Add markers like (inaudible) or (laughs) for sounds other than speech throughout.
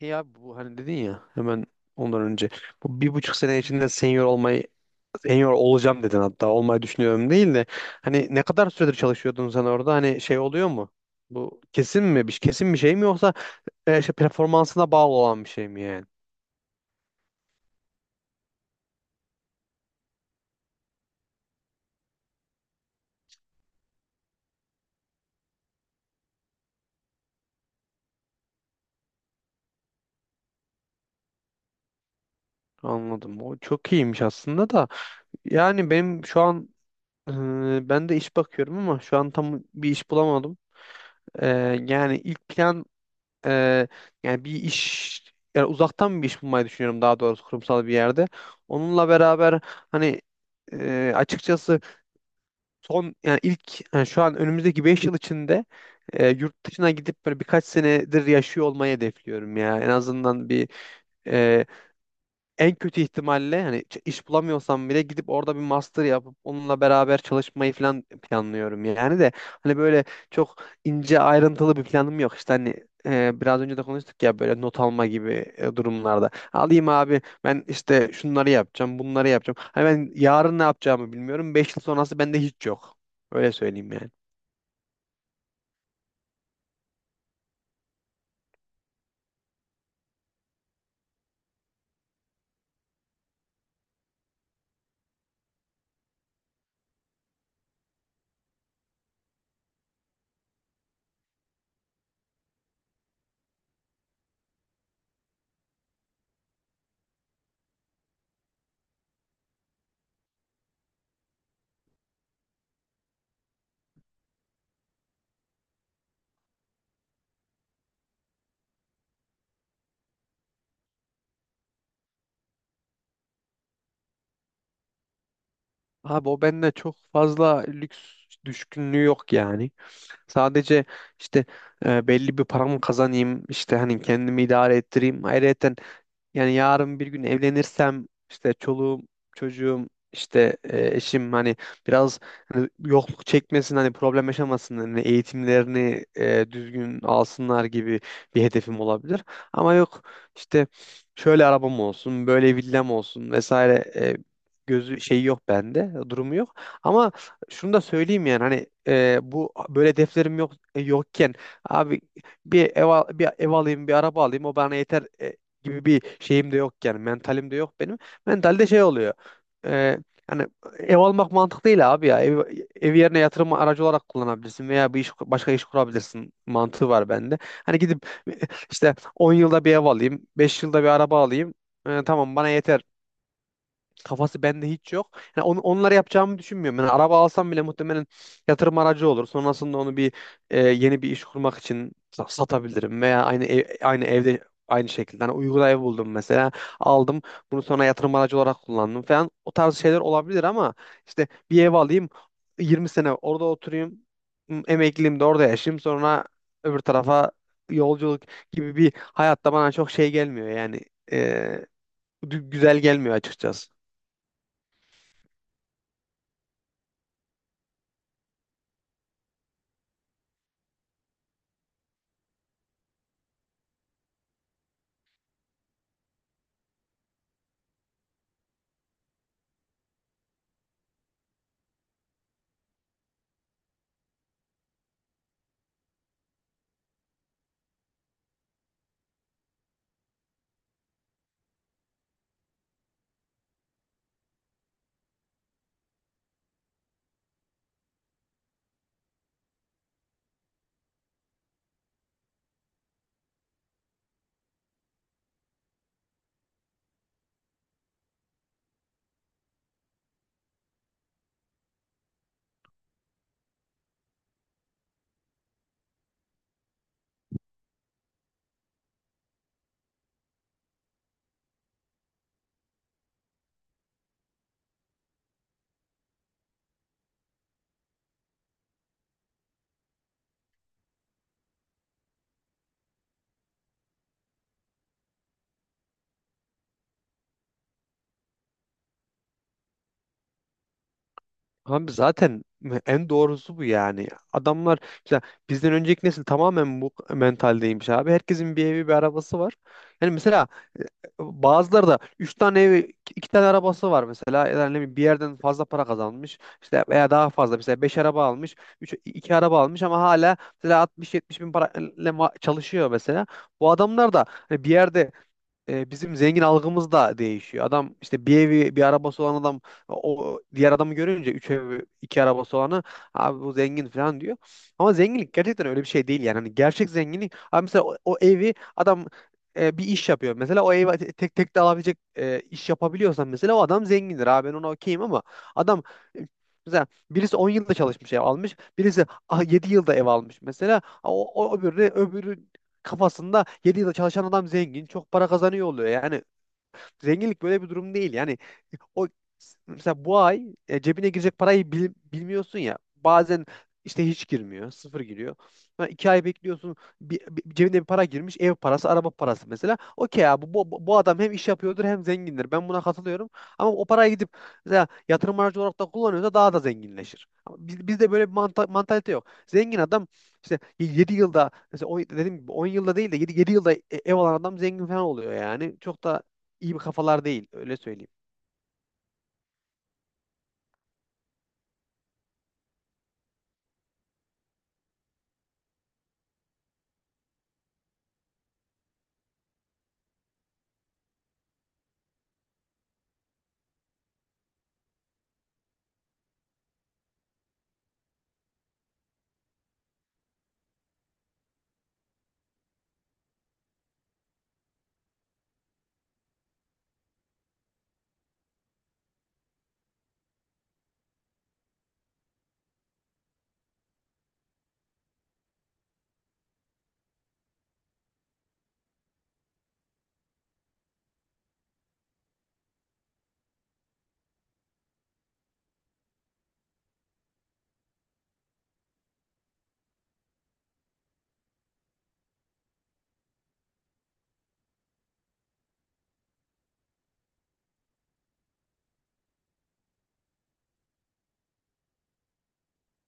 Şey abi, bu hani dedin ya, hemen ondan önce bu 1,5 sene içinde senior olacağım dedin. Hatta olmayı düşünüyorum değil de, hani ne kadar süredir çalışıyordun sen orada, hani şey oluyor mu? Bu kesin mi, bir kesin bir şey mi, yoksa işte performansına bağlı olan bir şey mi yani? Anladım. O çok iyiymiş aslında da. Yani benim şu an, ben de iş bakıyorum ama şu an tam bir iş bulamadım. E, yani ilk plan, e, yani bir iş, yani uzaktan bir iş bulmayı düşünüyorum, daha doğrusu kurumsal bir yerde. Onunla beraber, hani, açıkçası, son yani ilk yani şu an önümüzdeki 5 yıl içinde yurt dışına gidip böyle birkaç senedir yaşıyor olmayı hedefliyorum ya. En azından bir, en kötü ihtimalle, hani iş bulamıyorsam bile, gidip orada bir master yapıp onunla beraber çalışmayı falan planlıyorum yani. De hani, böyle çok ince ayrıntılı bir planım yok. İşte, hani, biraz önce de konuştuk ya, böyle not alma gibi durumlarda. Alayım abi, ben işte şunları yapacağım, bunları yapacağım, hani ben yarın ne yapacağımı bilmiyorum. 5 yıl sonrası bende hiç yok, öyle söyleyeyim yani. Abi, o bende çok fazla lüks düşkünlüğü yok yani. Sadece, işte, belli bir paramı kazanayım, işte hani kendimi idare ettireyim. Ayrıca, yani yarın bir gün evlenirsem, işte çoluğum, çocuğum, işte, eşim, hani biraz, hani yokluk çekmesin, hani problem yaşamasın, hani eğitimlerini düzgün alsınlar gibi bir hedefim olabilir. Ama yok, işte, şöyle arabam olsun, böyle villam olsun vesaire, gözü şeyi yok bende, durumu yok. Ama şunu da söyleyeyim yani, hani, bu böyle hedeflerim yok, yokken abi, bir ev alayım, bir araba alayım, o bana yeter gibi bir şeyim de yok yani, mentalim de yok benim. Mentalde şey oluyor. E, Hani, ev almak mantık değil abi ya. Ev yerine yatırım aracı olarak kullanabilirsin, veya bir iş, başka iş kurabilirsin mantığı var bende. Hani gidip işte 10 yılda bir ev alayım, 5 yılda bir araba alayım. Tamam, bana yeter kafası bende hiç yok. Yani onları yapacağımı düşünmüyorum. Yani araba alsam bile muhtemelen yatırım aracı olur. Sonrasında onu bir yeni bir iş kurmak için satabilirim, veya aynı evde aynı şekilde. Hani Uygu'da ev buldum mesela, aldım, bunu sonra yatırım aracı olarak kullandım falan. O tarz şeyler olabilir. Ama işte, bir ev alayım, 20 sene orada oturayım, emekliliğimde orada yaşayayım, sonra öbür tarafa yolculuk gibi bir hayatta bana çok şey gelmiyor yani, e, güzel gelmiyor açıkçası. Abi zaten en doğrusu bu yani. Adamlar, mesela bizden önceki nesil tamamen bu mentaldeymiş abi. Herkesin bir evi, bir arabası var. Yani mesela, e, Bazıları da 3 tane evi, 2 tane arabası var mesela. Yani ne bileyim, bir yerden fazla para kazanmış. İşte, veya daha fazla, mesela 5 araba almış, 3 2 araba almış ama hala mesela 60-70 bin parayla çalışıyor mesela. Bu adamlar da hani, bir yerde bizim zengin algımız da değişiyor. Adam, işte bir evi bir arabası olan adam, o diğer adamı görünce, üç evi iki arabası olanı, abi bu zengin falan diyor. Ama zenginlik gerçekten öyle bir şey değil yani. Hani gerçek zenginlik abi, mesela o evi adam bir iş yapıyor. Mesela o evi tek tek de alabilecek iş yapabiliyorsan, mesela o adam zengindir. Abi, ben ona okeyim. Ama adam e, mesela birisi 10 yılda çalışmış, ev almış. Birisi 7 yılda ev almış mesela. O öbürü, kafasında, 7 yılda çalışan adam zengin, çok para kazanıyor oluyor. Yani zenginlik böyle bir durum değil. Yani o, mesela bu ay cebine girecek parayı bilmiyorsun ya. Bazen işte hiç girmiyor, sıfır giriyor. Ha, 2 ay bekliyorsun, cebine bir para girmiş, ev parası, araba parası mesela. Okey abi, bu adam hem iş yapıyordur hem zengindir. Ben buna katılıyorum. Ama o paraya gidip mesela yatırım aracı olarak da kullanıyorsa, daha da zenginleşir. Ama bizde böyle bir mantalite yok. Zengin adam işte 7 yılda, mesela dediğim gibi 10 yılda değil de 7 yılda ev alan adam zengin falan oluyor yani. Çok da iyi bir kafalar değil, öyle söyleyeyim.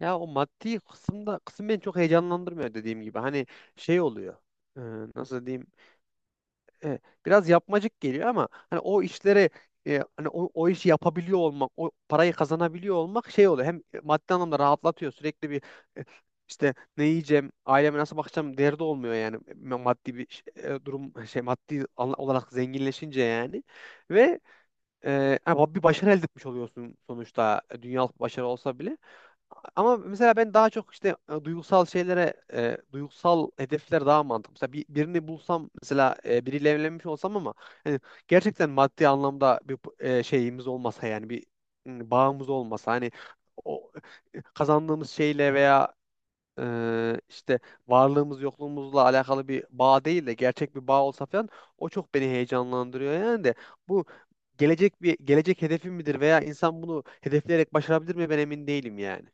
Ya, o maddi kısım beni çok heyecanlandırmıyor, dediğim gibi. Hani şey oluyor. e, Nasıl diyeyim? E, Biraz yapmacık geliyor ama, hani o işlere, hani o işi yapabiliyor olmak, o parayı kazanabiliyor olmak şey oluyor. Hem maddi anlamda rahatlatıyor. Sürekli bir e, işte, ne yiyeceğim, aileme nasıl bakacağım derdi olmuyor yani. Maddi bir durum (laughs) şey, maddi olarak zenginleşince yani, ve ama bir başarı elde etmiş oluyorsun sonuçta, dünyalık bir başarı olsa bile. Ama mesela ben daha çok işte duygusal şeylere, duygusal hedefler daha mantıklı. Mesela birini bulsam, mesela biriyle evlenmiş olsam ama, hani gerçekten maddi anlamda bir şeyimiz olmasa yani, bir bağımız olmasa, hani o, kazandığımız şeyle veya işte varlığımız yokluğumuzla alakalı bir bağ değil de, gerçek bir bağ olsa falan, o çok beni heyecanlandırıyor yani. De bu gelecek, bir gelecek hedefim midir, veya insan bunu hedefleyerek başarabilir mi, ben emin değilim yani.